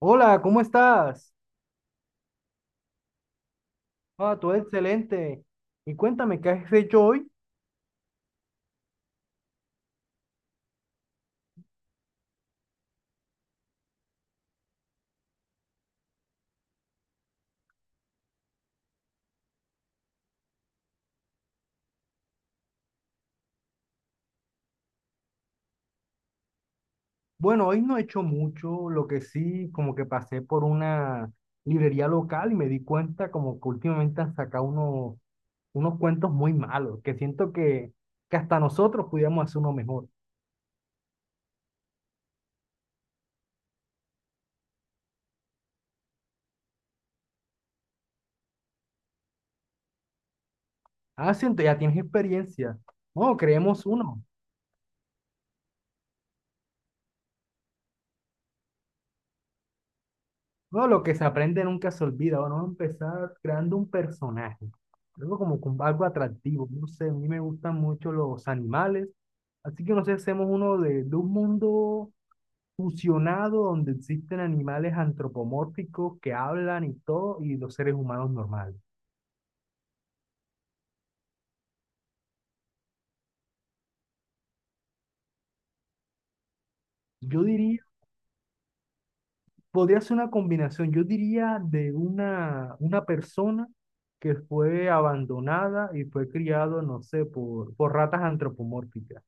Hola, ¿cómo estás? Ah, todo excelente. Y cuéntame, ¿qué has hecho hoy? Bueno, hoy no he hecho mucho, lo que sí, como que pasé por una librería local y me di cuenta como que últimamente han sacado unos cuentos muy malos, que siento que hasta nosotros pudiéramos hacer uno mejor. Ah, siento, ya tienes experiencia. No, creemos uno. No, lo que se aprende nunca se olvida. Bueno, Vamos a empezar creando un personaje. Algo como con algo atractivo. No sé, a mí me gustan mucho los animales. Así que no sé, hacemos uno de un mundo fusionado donde existen animales antropomórficos que hablan y todo, y los seres humanos normales. Yo diría, podría ser una combinación. Yo diría de una persona que fue abandonada y fue criado, no sé, por ratas antropomórficas.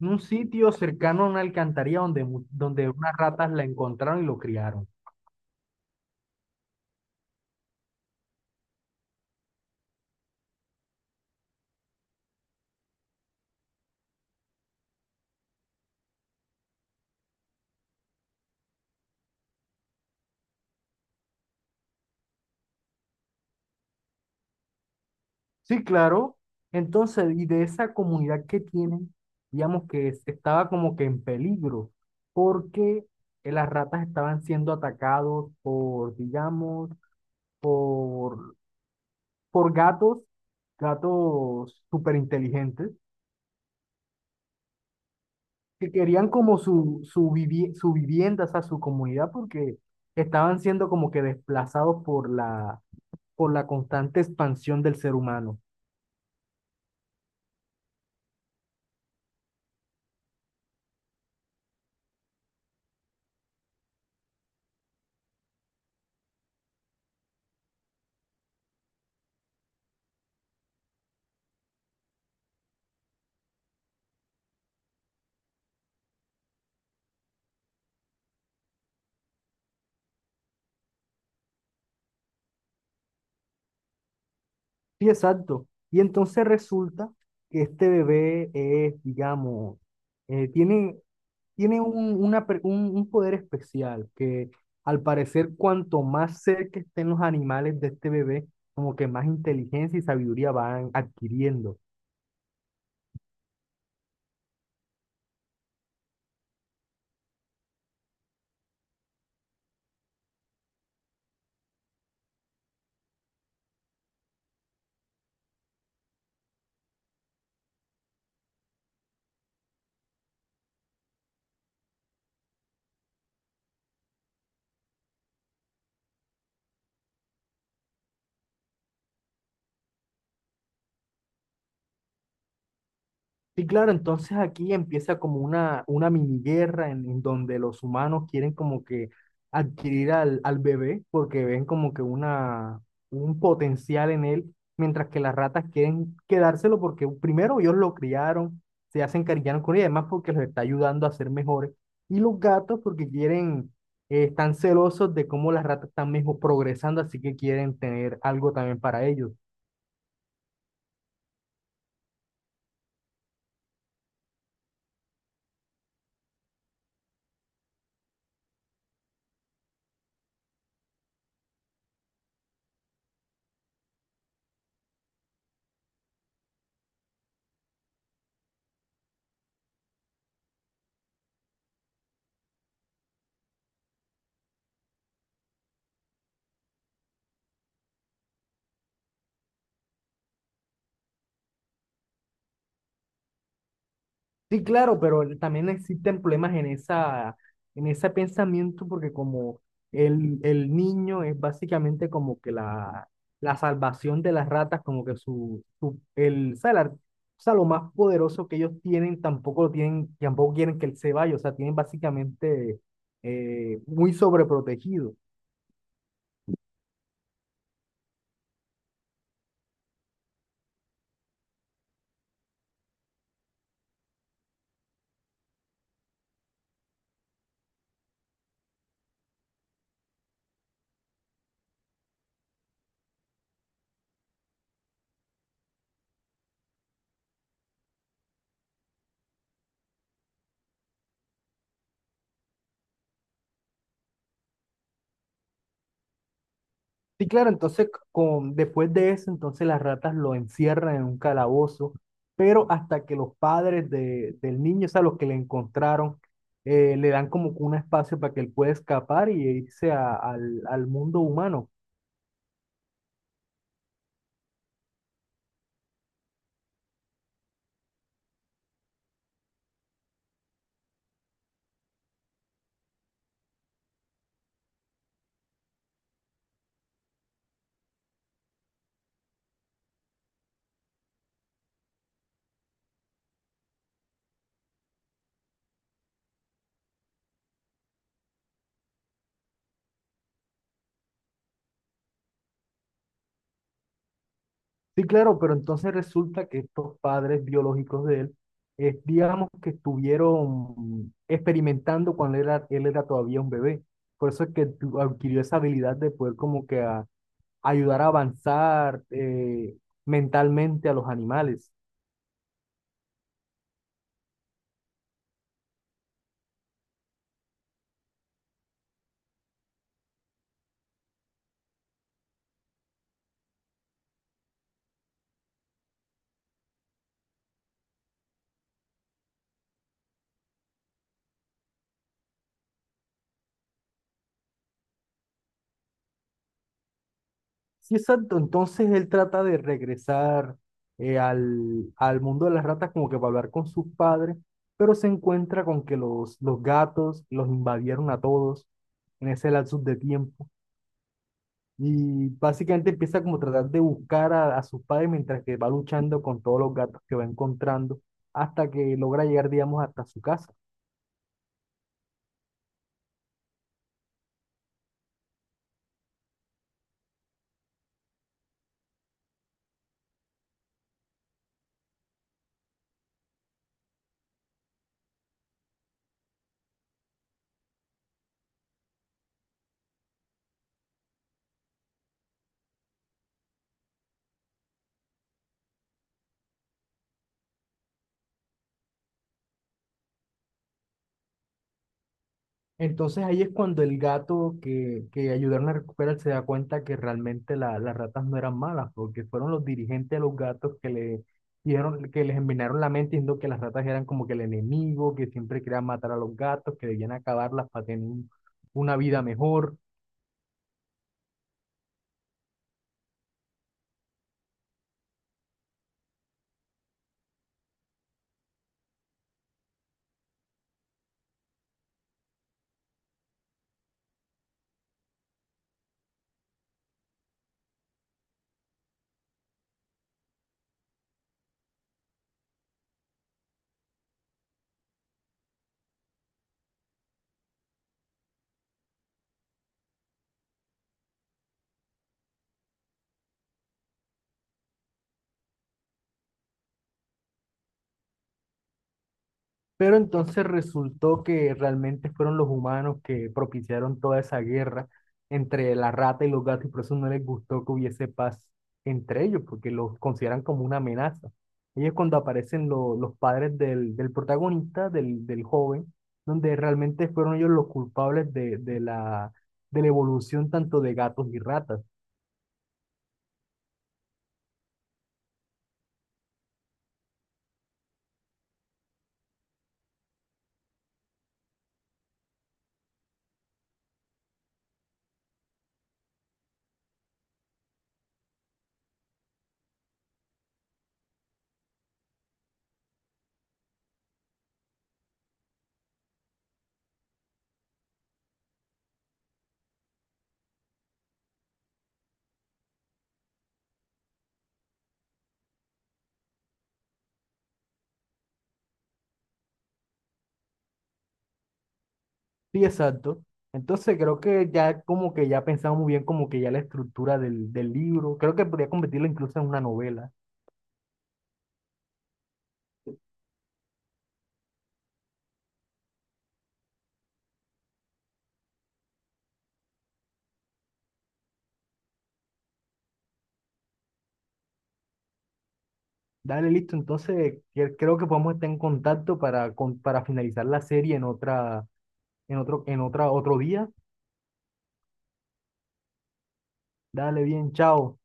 Un sitio cercano a una alcantarilla donde, donde unas ratas la encontraron y lo criaron. Sí, claro. Entonces, y de esa comunidad que tienen, digamos que estaba como que en peligro, porque las ratas estaban siendo atacados por, digamos, por, por gatos, gatos súper inteligentes, que querían como su vivienda, o sea, su comunidad, porque estaban siendo como que desplazados por la constante expansión del ser humano. Sí, exacto. Y entonces resulta que este bebé es, digamos, eh, tiene, tiene un, una per- un poder especial que al parecer cuanto más cerca estén los animales de este bebé, como que más inteligencia y sabiduría van adquiriendo. Sí, claro, entonces aquí empieza como una mini guerra en donde los humanos quieren como que adquirir al bebé porque ven como que un potencial en él, mientras que las ratas quieren quedárselo porque primero ellos lo criaron, se hacen encariñaron con él y además porque los está ayudando a ser mejores. Y los gatos porque quieren, están celosos de cómo las ratas están mejor progresando, así que quieren tener algo también para ellos. Sí, claro, pero también existen problemas en esa, en ese pensamiento porque como el niño es básicamente como que la salvación de las ratas, como que su- el, o sea, la- o sea, lo más poderoso que ellos tienen, tampoco lo tienen, tampoco quieren que él se vaya, o sea, tienen básicamente muy sobreprotegido. Sí, claro, entonces después de eso, entonces las ratas lo encierran en un calabozo, pero hasta que los padres del niño, o sea, los que le encontraron, le dan como que un espacio para que él pueda escapar y irse al mundo humano. Sí, claro, pero entonces resulta que estos padres biológicos de él, digamos que estuvieron experimentando cuando él era todavía un bebé. Por eso es que adquirió esa habilidad de poder como que ayudar a avanzar mentalmente a los animales. Sí, exacto. Entonces él trata de regresar al mundo de las ratas como que para hablar con sus padres, pero se encuentra con que los gatos los invadieron a todos en ese lapsus de tiempo. Y básicamente empieza como a tratar de buscar a sus padres mientras que va luchando con todos los gatos que va encontrando hasta que logra llegar, digamos, hasta su casa. Entonces ahí es cuando el gato que ayudaron a recuperar se da cuenta que realmente las ratas no eran malas, porque fueron los dirigentes de los gatos que le dieron, que les envenenaron la mente diciendo que las ratas eran como que el enemigo, que siempre querían matar a los gatos, que debían acabarlas para tener una vida mejor. Pero entonces resultó que realmente fueron los humanos que propiciaron toda esa guerra entre la rata y los gatos y por eso no les gustó que hubiese paz entre ellos, porque los consideran como una amenaza. Ahí es cuando aparecen los padres del protagonista, del joven, donde realmente fueron ellos los culpables de la evolución tanto de gatos y ratas. Sí, exacto. Entonces creo que ya como que ya pensamos muy bien como que ya la estructura del libro, creo que podría convertirlo incluso en una novela. Dale, listo. Entonces, creo que podemos estar en contacto para, para finalizar la serie en otra, otro día. Dale, bien, chao.